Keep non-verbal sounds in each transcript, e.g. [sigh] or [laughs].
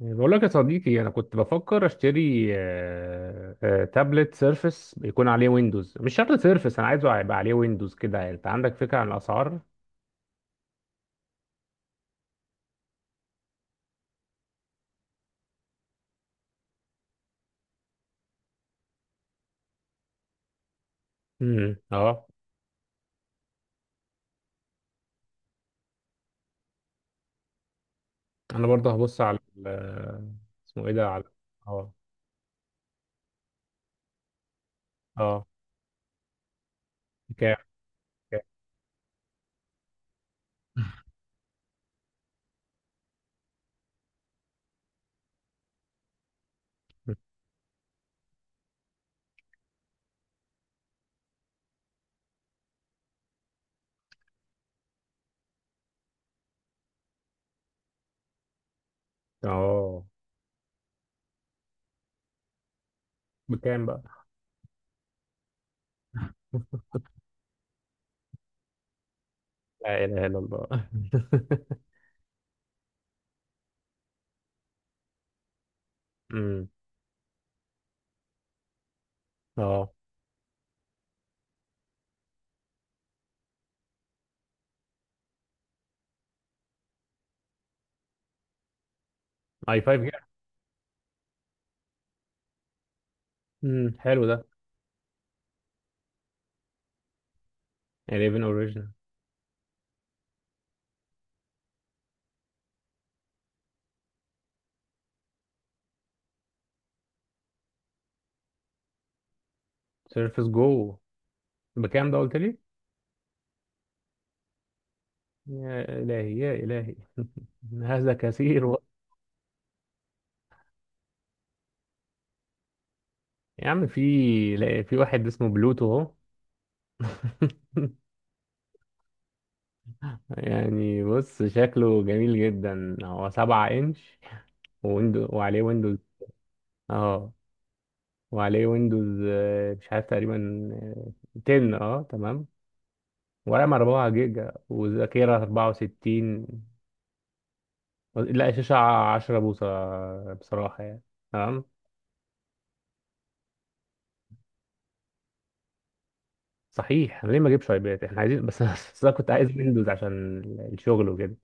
بقول لك يا صديقي، انا كنت بفكر اشتري تابلت سيرفس يكون عليه ويندوز. مش شرط سيرفس، انا عايزه يبقى عليه ويندوز كده. انت عندك فكره عن الاسعار؟ اه. انا برضه هبص على اسمه ايه ده. على اه. اه. بكام؟ بكام؟ اه. بكام بقى؟ لا اله الا الله. [laughs] امم اه. اي 5 جيجا. حلو ده. 11 اوريجينال. سيرفس جو. بكام ده قلت لي؟ يا الهي يا الهي. [laughs] هذا كثير. يا عم، في في واحد اسمه بلوتو اهو. [laughs] يعني بص شكله جميل جدا، هو سبعة انش. ويندو وعليه ويندوز. اه. وعليه ويندوز، مش عارف، تقريبا آه، 10. اه تمام. ورام 4 جيجا وذاكرة 64. لا شاشة 10 بوصة بصراحة يعني. تمام. صحيح، أنا ليه ما اجيبش ايباد؟ احنا عايزين بس. [laughs] بس انا كنت عايز ويندوز عشان الشغل وكده.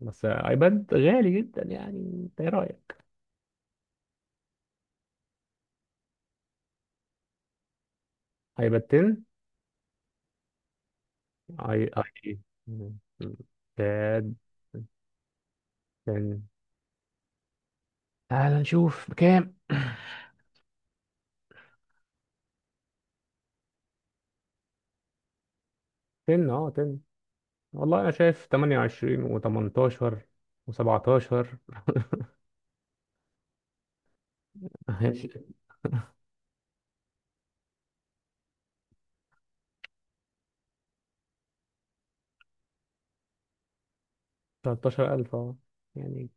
بس ايباد غالي جدا، يعني انت ايه رأيك؟ هيبقى التن. اي اي. تاد. تن. تعال نشوف بكام. تن، اه تن. والله انا شايف 28 و18 و17. 13,000 اه. يعني.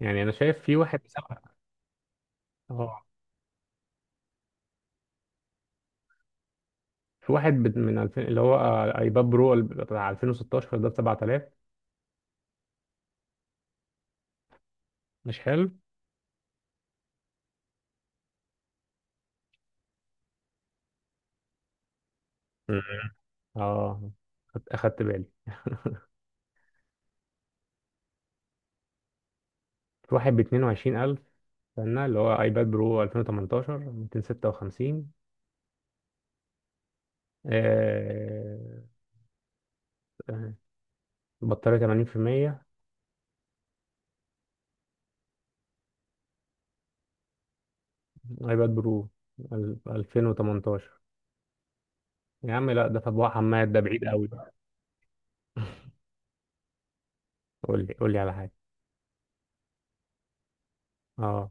يعني انا شايف في واحد بسبعة. اه. في واحد من 2000، اللي هو ايباد برو بتاع 2016، ده ب 7000. مش حلو. مم. اه. اخدت بالي. في واحد ب 22,000، استنى، اللي هو ايباد برو 2018 256. آه، البطارية 80%. ايباد برو 2018. يا عم لا، ده تبوع حماد، ده بعيد قوي. قول لي على حاجة. اه.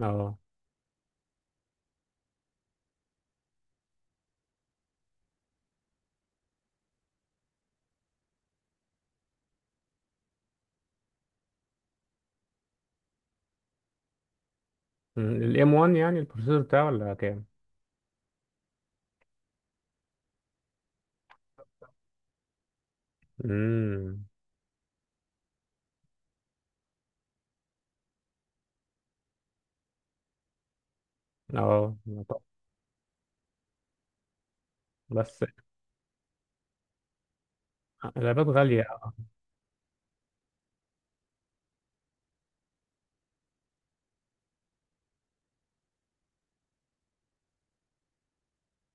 اه. الام 1. يعني البروسيسور بتاعه ولا كام؟ امم اه. طب بس الايباد غالية.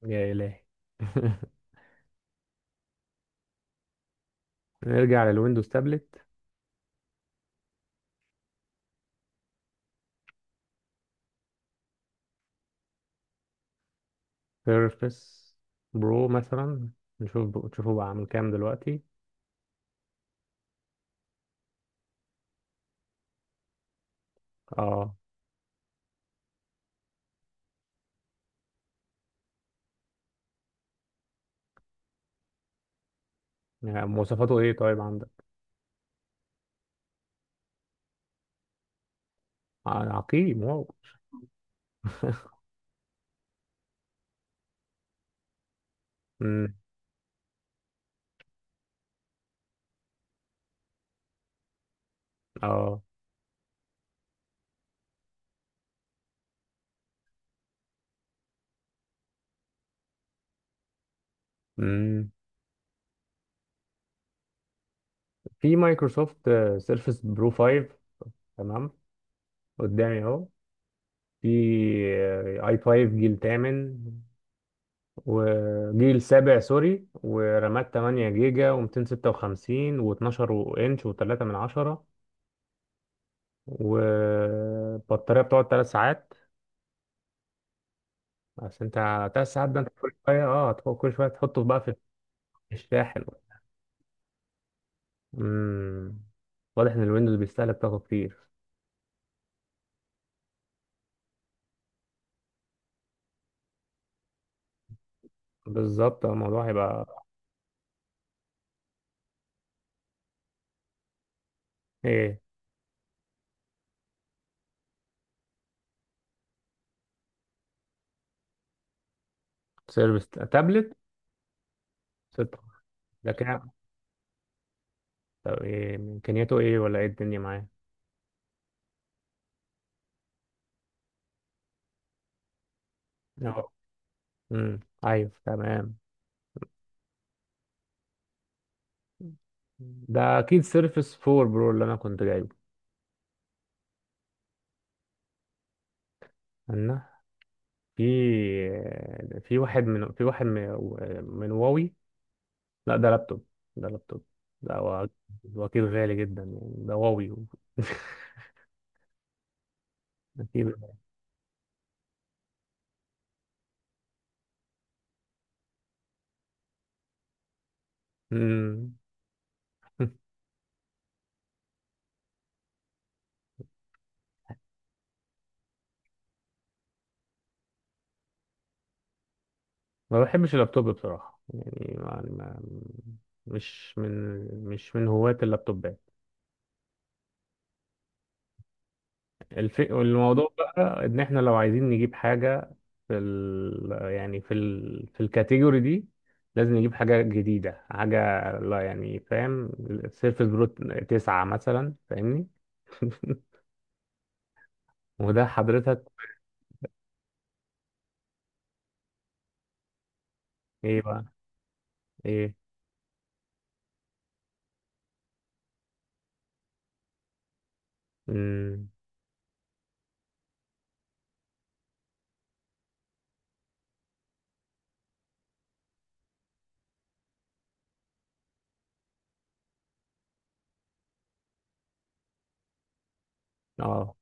يا الهي. [laughs] نرجع للويندوز تابلت. سيرفس برو مثلا. نشوفه بقى عامل كام دلوقتي. اه. يعني مواصفاته ايه طيب عندك؟ عقيم؟ واو. [laughs] اه. امم في مايكروسوفت سيرفس برو 5 تمام قدامي اهو. في اي 5 جيل 8 وجيل 7 سوري. ورامات 8 جيجا و256 و12 انش و3 من 10. وبطارية بتقعد 3 ساعات. عشان انت. 3 ساعات، ده انت كل شوية اه كل شوية تحطه بقى في الشاحن. امم واضح ان الويندوز بيستهلك طاقة كتير. بالظبط، الموضوع هيبقى ايه؟ سيرفيس تابلت. ستة. ده كام؟ طب ايه امكانياته، ايه ولا ايه الدنيا معاه؟ اه. امم ايوه تمام. ده اكيد سيرفس 4 برو اللي انا كنت جايبه. انا. في. في واحد من في واحد من, من واوي. لا ده لابتوب. ده لابتوب. ده هو. هو اكيد غالي جدا، يعني ده واوي. [laughs] اكيد. امم [laughs] ما بحبش اللابتوب بصراحة، يعني مش من هواة اللابتوبات. الموضوع بقى ان احنا لو عايزين نجيب حاجة يعني في الكاتيجوري دي، لازم نجيب حاجة جديدة. حاجة لا، يعني فاهم، السيرفس برو تسعة مثلا، فاهمني. [laughs] وده حضرتك. ايه بقى؟ ايه؟ امم اه.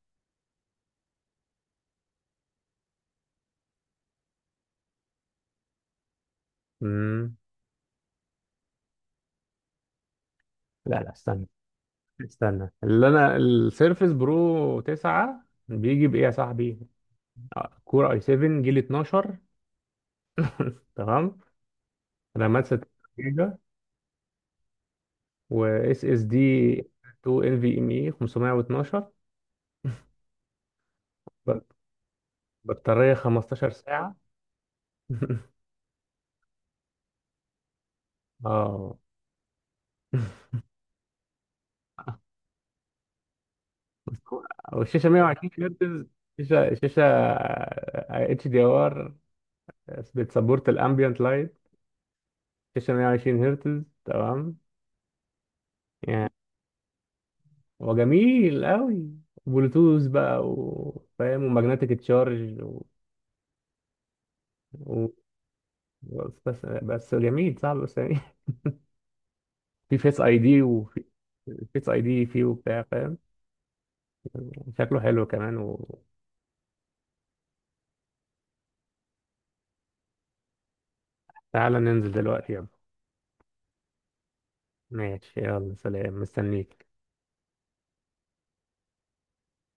امم لا لا، استنى. اللي انا السيرفس برو 9 بيجي بايه يا صاحبي؟ كور اي 7 جيل 12. [laughs] تمام. رامات 6 و اس اس دي 2. ال في ام اي 512. بط- بطارية 15 ساعة. [laughs] اه. والشاشة 120 هرتز. شاشة اتش دي ار. بتسبورت الامبيانت لايت. شاشة 120 هرتز تمام يعني. وجميل قوي. بلوتوث بقى وفاهم. ومagnetic تشارج و... و... بس بس جميل صعب بس يعني. [laughs] في فيس اي دي. وفي فيس اي دي فيه وبتاع فاهم. شكله حلو كمان. وتعالى ننزل دلوقتي يلا. ماشي يلا، سلام، مستنيك.